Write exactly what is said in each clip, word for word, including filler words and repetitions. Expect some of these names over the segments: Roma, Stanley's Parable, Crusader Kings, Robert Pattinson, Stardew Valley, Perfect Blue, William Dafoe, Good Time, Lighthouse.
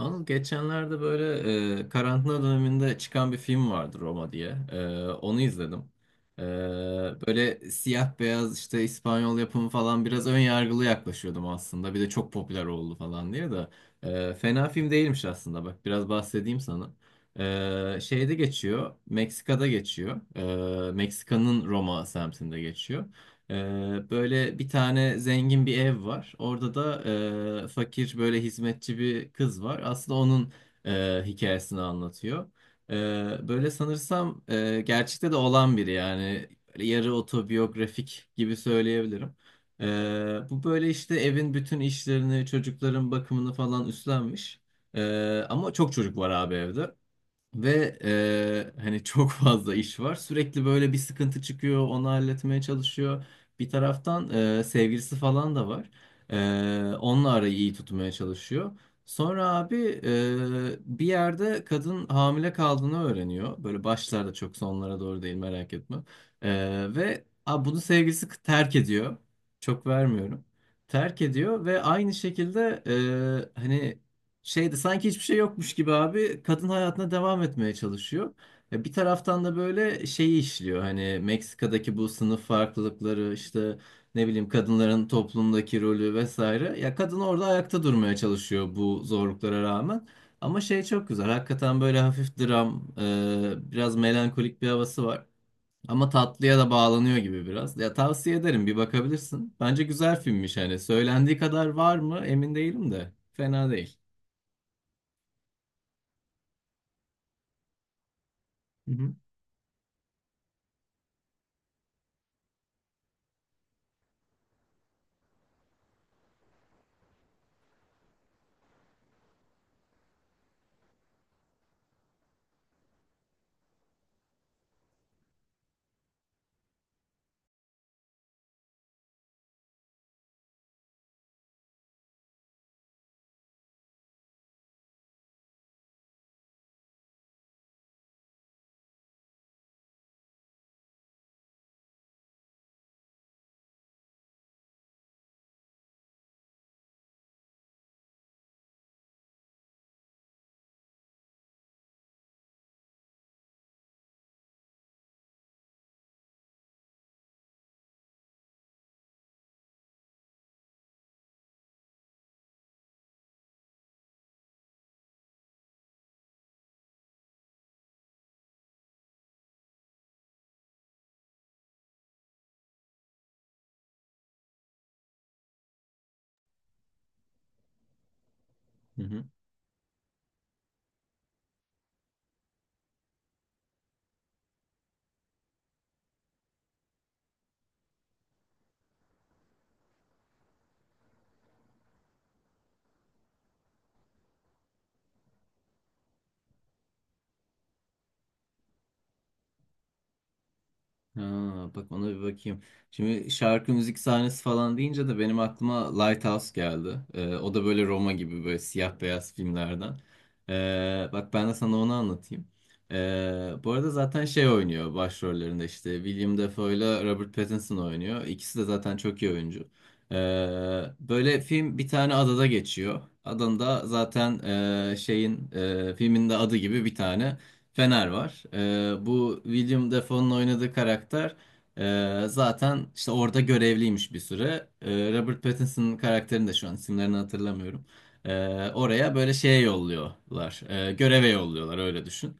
Anıl geçenlerde böyle e, karantina döneminde çıkan bir film vardı Roma diye. E, onu izledim. E, Böyle siyah beyaz işte İspanyol yapımı falan biraz ön yargılı yaklaşıyordum aslında. Bir de çok popüler oldu falan diye de. E, fena film değilmiş aslında bak biraz bahsedeyim sana. E, şeyde geçiyor, Meksika'da geçiyor. E, Meksika'nın Roma semtinde geçiyor. Ee, böyle bir tane zengin bir ev var. Orada da e, fakir böyle hizmetçi bir kız var. Aslında onun e, hikayesini anlatıyor. Ee, Böyle sanırsam e, gerçekte de olan biri yani. Böyle yarı otobiyografik gibi söyleyebilirim. Ee, bu böyle işte evin bütün işlerini, çocukların bakımını falan üstlenmiş. Ee, ama çok çocuk var abi evde. Ve eee, hani çok fazla iş var. Sürekli böyle bir sıkıntı çıkıyor, onu halletmeye çalışıyor. Bir taraftan eee, sevgilisi falan da var. Eee onunla arayı iyi tutmaya çalışıyor. Sonra abi eee, bir yerde kadın hamile kaldığını öğreniyor. Böyle başlarda çok sonlara doğru değil merak etme. Eee, ve a, bunu sevgilisi k- terk ediyor. Çok vermiyorum. Terk ediyor ve aynı şekilde eee, hani şeyde sanki hiçbir şey yokmuş gibi abi kadın hayatına devam etmeye çalışıyor. Ya bir taraftan da böyle şeyi işliyor hani Meksika'daki bu sınıf farklılıkları işte ne bileyim kadınların toplumdaki rolü vesaire. Ya kadın orada ayakta durmaya çalışıyor bu zorluklara rağmen. Ama şey çok güzel hakikaten böyle hafif dram e, biraz melankolik bir havası var. Ama tatlıya da bağlanıyor gibi biraz. Ya tavsiye ederim bir bakabilirsin. Bence güzel filmmiş hani. Söylendiği kadar var mı emin değilim de. Fena değil. Hı hı. Hı hı. Ha, bak ona bir bakayım. Şimdi şarkı müzik sahnesi falan deyince de benim aklıma Lighthouse geldi. Ee, o da böyle Roma gibi böyle siyah beyaz filmlerden. Ee, bak ben de sana onu anlatayım. Ee, bu arada zaten şey oynuyor başrollerinde işte William Dafoe ile Robert Pattinson oynuyor. İkisi de zaten çok iyi oyuncu. Ee, Böyle film bir tane adada geçiyor. Adında zaten e, şeyin e, filmin de adı gibi bir tane. Fener var. Ee, bu William Dafoe'nun oynadığı karakter e, zaten işte orada görevliymiş bir süre. Ee, Robert Pattinson'ın karakterini de şu an isimlerini hatırlamıyorum. Ee, Oraya böyle şeye yolluyorlar. Ee, göreve yolluyorlar öyle düşün.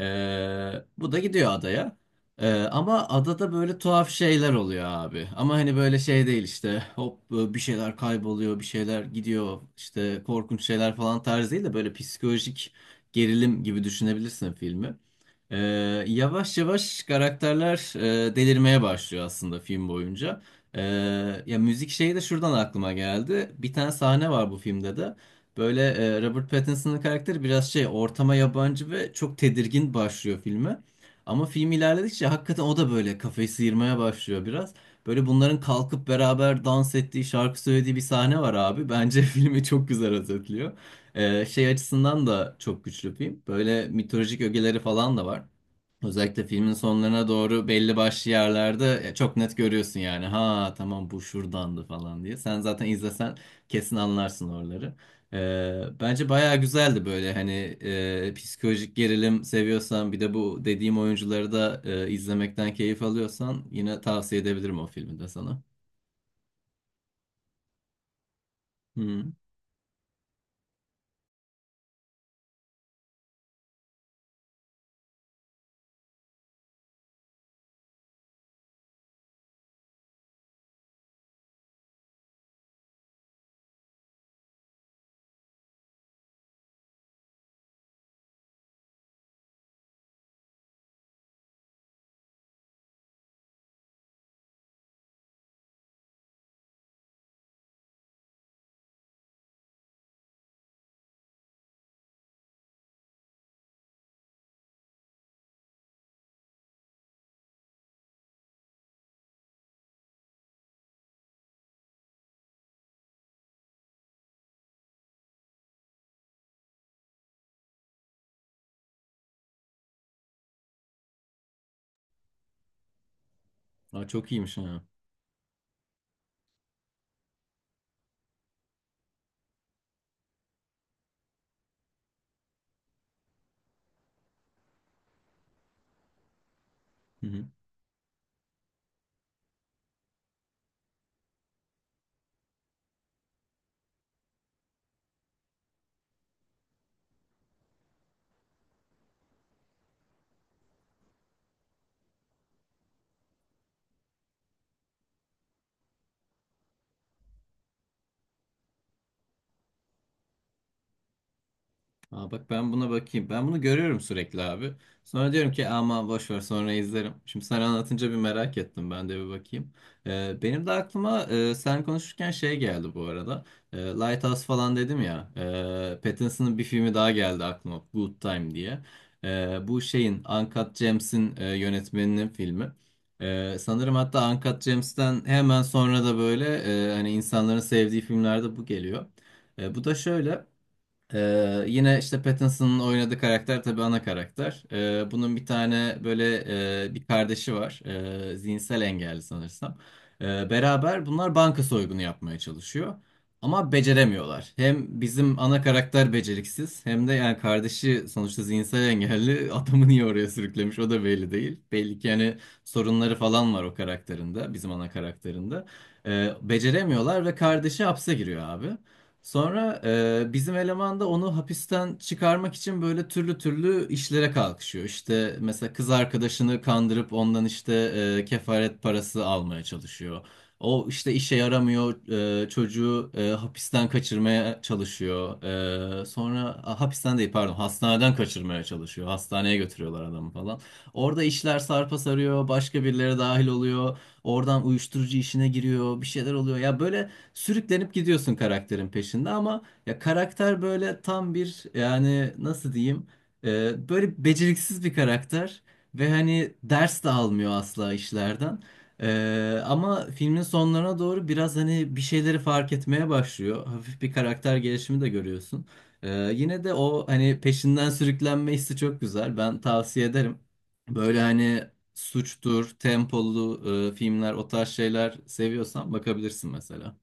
Ee, bu da gidiyor adaya. Ee, ama adada böyle tuhaf şeyler oluyor abi. Ama hani böyle şey değil işte hop bir şeyler kayboluyor, bir şeyler gidiyor işte korkunç şeyler falan tarzı değil de böyle psikolojik gerilim gibi düşünebilirsin filmi. Ee, Yavaş yavaş karakterler e, delirmeye başlıyor aslında film boyunca. Ee, Ya müzik şeyi de şuradan aklıma geldi. Bir tane sahne var bu filmde de. Böyle e, Robert Pattinson'ın karakteri biraz şey ortama yabancı ve çok tedirgin başlıyor filme. Ama film ilerledikçe hakikaten o da böyle kafayı sıyırmaya başlıyor biraz. Böyle bunların kalkıp beraber dans ettiği, şarkı söylediği bir sahne var abi. Bence filmi çok güzel özetliyor. Ee, şey açısından da çok güçlü film. Böyle mitolojik ögeleri falan da var. Özellikle filmin sonlarına doğru belli başlı yerlerde e, çok net görüyorsun yani. Ha tamam bu şuradandı falan diye. Sen zaten izlesen kesin anlarsın oraları. Ee, bence bayağı güzeldi böyle hani e, psikolojik gerilim seviyorsan bir de bu dediğim oyuncuları da e, izlemekten keyif alıyorsan yine tavsiye edebilirim o filmi de sana. Hı. Aa, çok iyiymiş ha. Hı hı. Aa, bak ben buna bakayım. Ben bunu görüyorum sürekli abi. Sonra diyorum ki aman boş ver sonra izlerim. Şimdi sen anlatınca bir merak ettim. Ben de bir bakayım. Ee, benim de aklıma e, sen konuşurken şey geldi bu arada. Ee, Lighthouse falan dedim ya. E, Pattinson'ın bir filmi daha geldi aklıma. Good Time diye. Ee, bu şeyin Uncut James'in e, yönetmeninin filmi. Ee, sanırım hatta Uncut James'ten hemen sonra da böyle e, hani insanların sevdiği filmlerde bu geliyor. E, bu da şöyle. Ee, yine işte Pattinson'ın oynadığı karakter tabii ana karakter. Ee, bunun bir tane böyle e, bir kardeşi var. Ee, zihinsel engelli sanırsam. Ee, beraber bunlar banka soygunu yapmaya çalışıyor. Ama beceremiyorlar. Hem bizim ana karakter beceriksiz hem de yani kardeşi sonuçta zihinsel engelli adamı niye oraya sürüklemiş o da belli değil. Belli ki hani sorunları falan var o karakterinde bizim ana karakterinde. Ee, beceremiyorlar ve kardeşi hapse giriyor abi. Sonra e, bizim eleman da onu hapisten çıkarmak için böyle türlü türlü işlere kalkışıyor. İşte mesela kız arkadaşını kandırıp ondan işte e, kefaret parası almaya çalışıyor. O işte işe yaramıyor, e, çocuğu e, hapisten kaçırmaya çalışıyor. E, sonra a, hapisten değil pardon hastaneden kaçırmaya çalışıyor. Hastaneye götürüyorlar adamı falan. Orada işler sarpa sarıyor, başka birileri dahil oluyor. Oradan uyuşturucu işine giriyor, bir şeyler oluyor. Ya böyle sürüklenip gidiyorsun karakterin peşinde ama ya karakter böyle tam bir yani nasıl diyeyim e, böyle beceriksiz bir karakter ve hani ders de almıyor asla işlerden. E, ama filmin sonlarına doğru biraz hani bir şeyleri fark etmeye başlıyor. Hafif bir karakter gelişimi de görüyorsun. E, Yine de o hani peşinden sürüklenme hissi çok güzel. Ben tavsiye ederim. Böyle hani suçtur, tempolu e, filmler o tarz şeyler seviyorsan bakabilirsin mesela.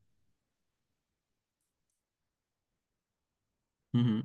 Hı hı,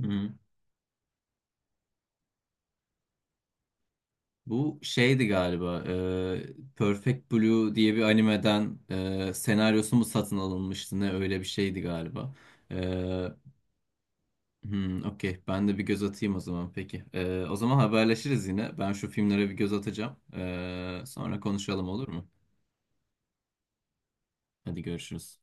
hı hı. Bu şeydi galiba e, Perfect Blue diye bir animeden e, senaryosu mu satın alınmıştı ne öyle bir şeydi galiba. E, hmm, okey ben de bir göz atayım o zaman peki. E, o zaman haberleşiriz yine ben şu filmlere bir göz atacağım. E, sonra konuşalım olur mu? Hadi görüşürüz.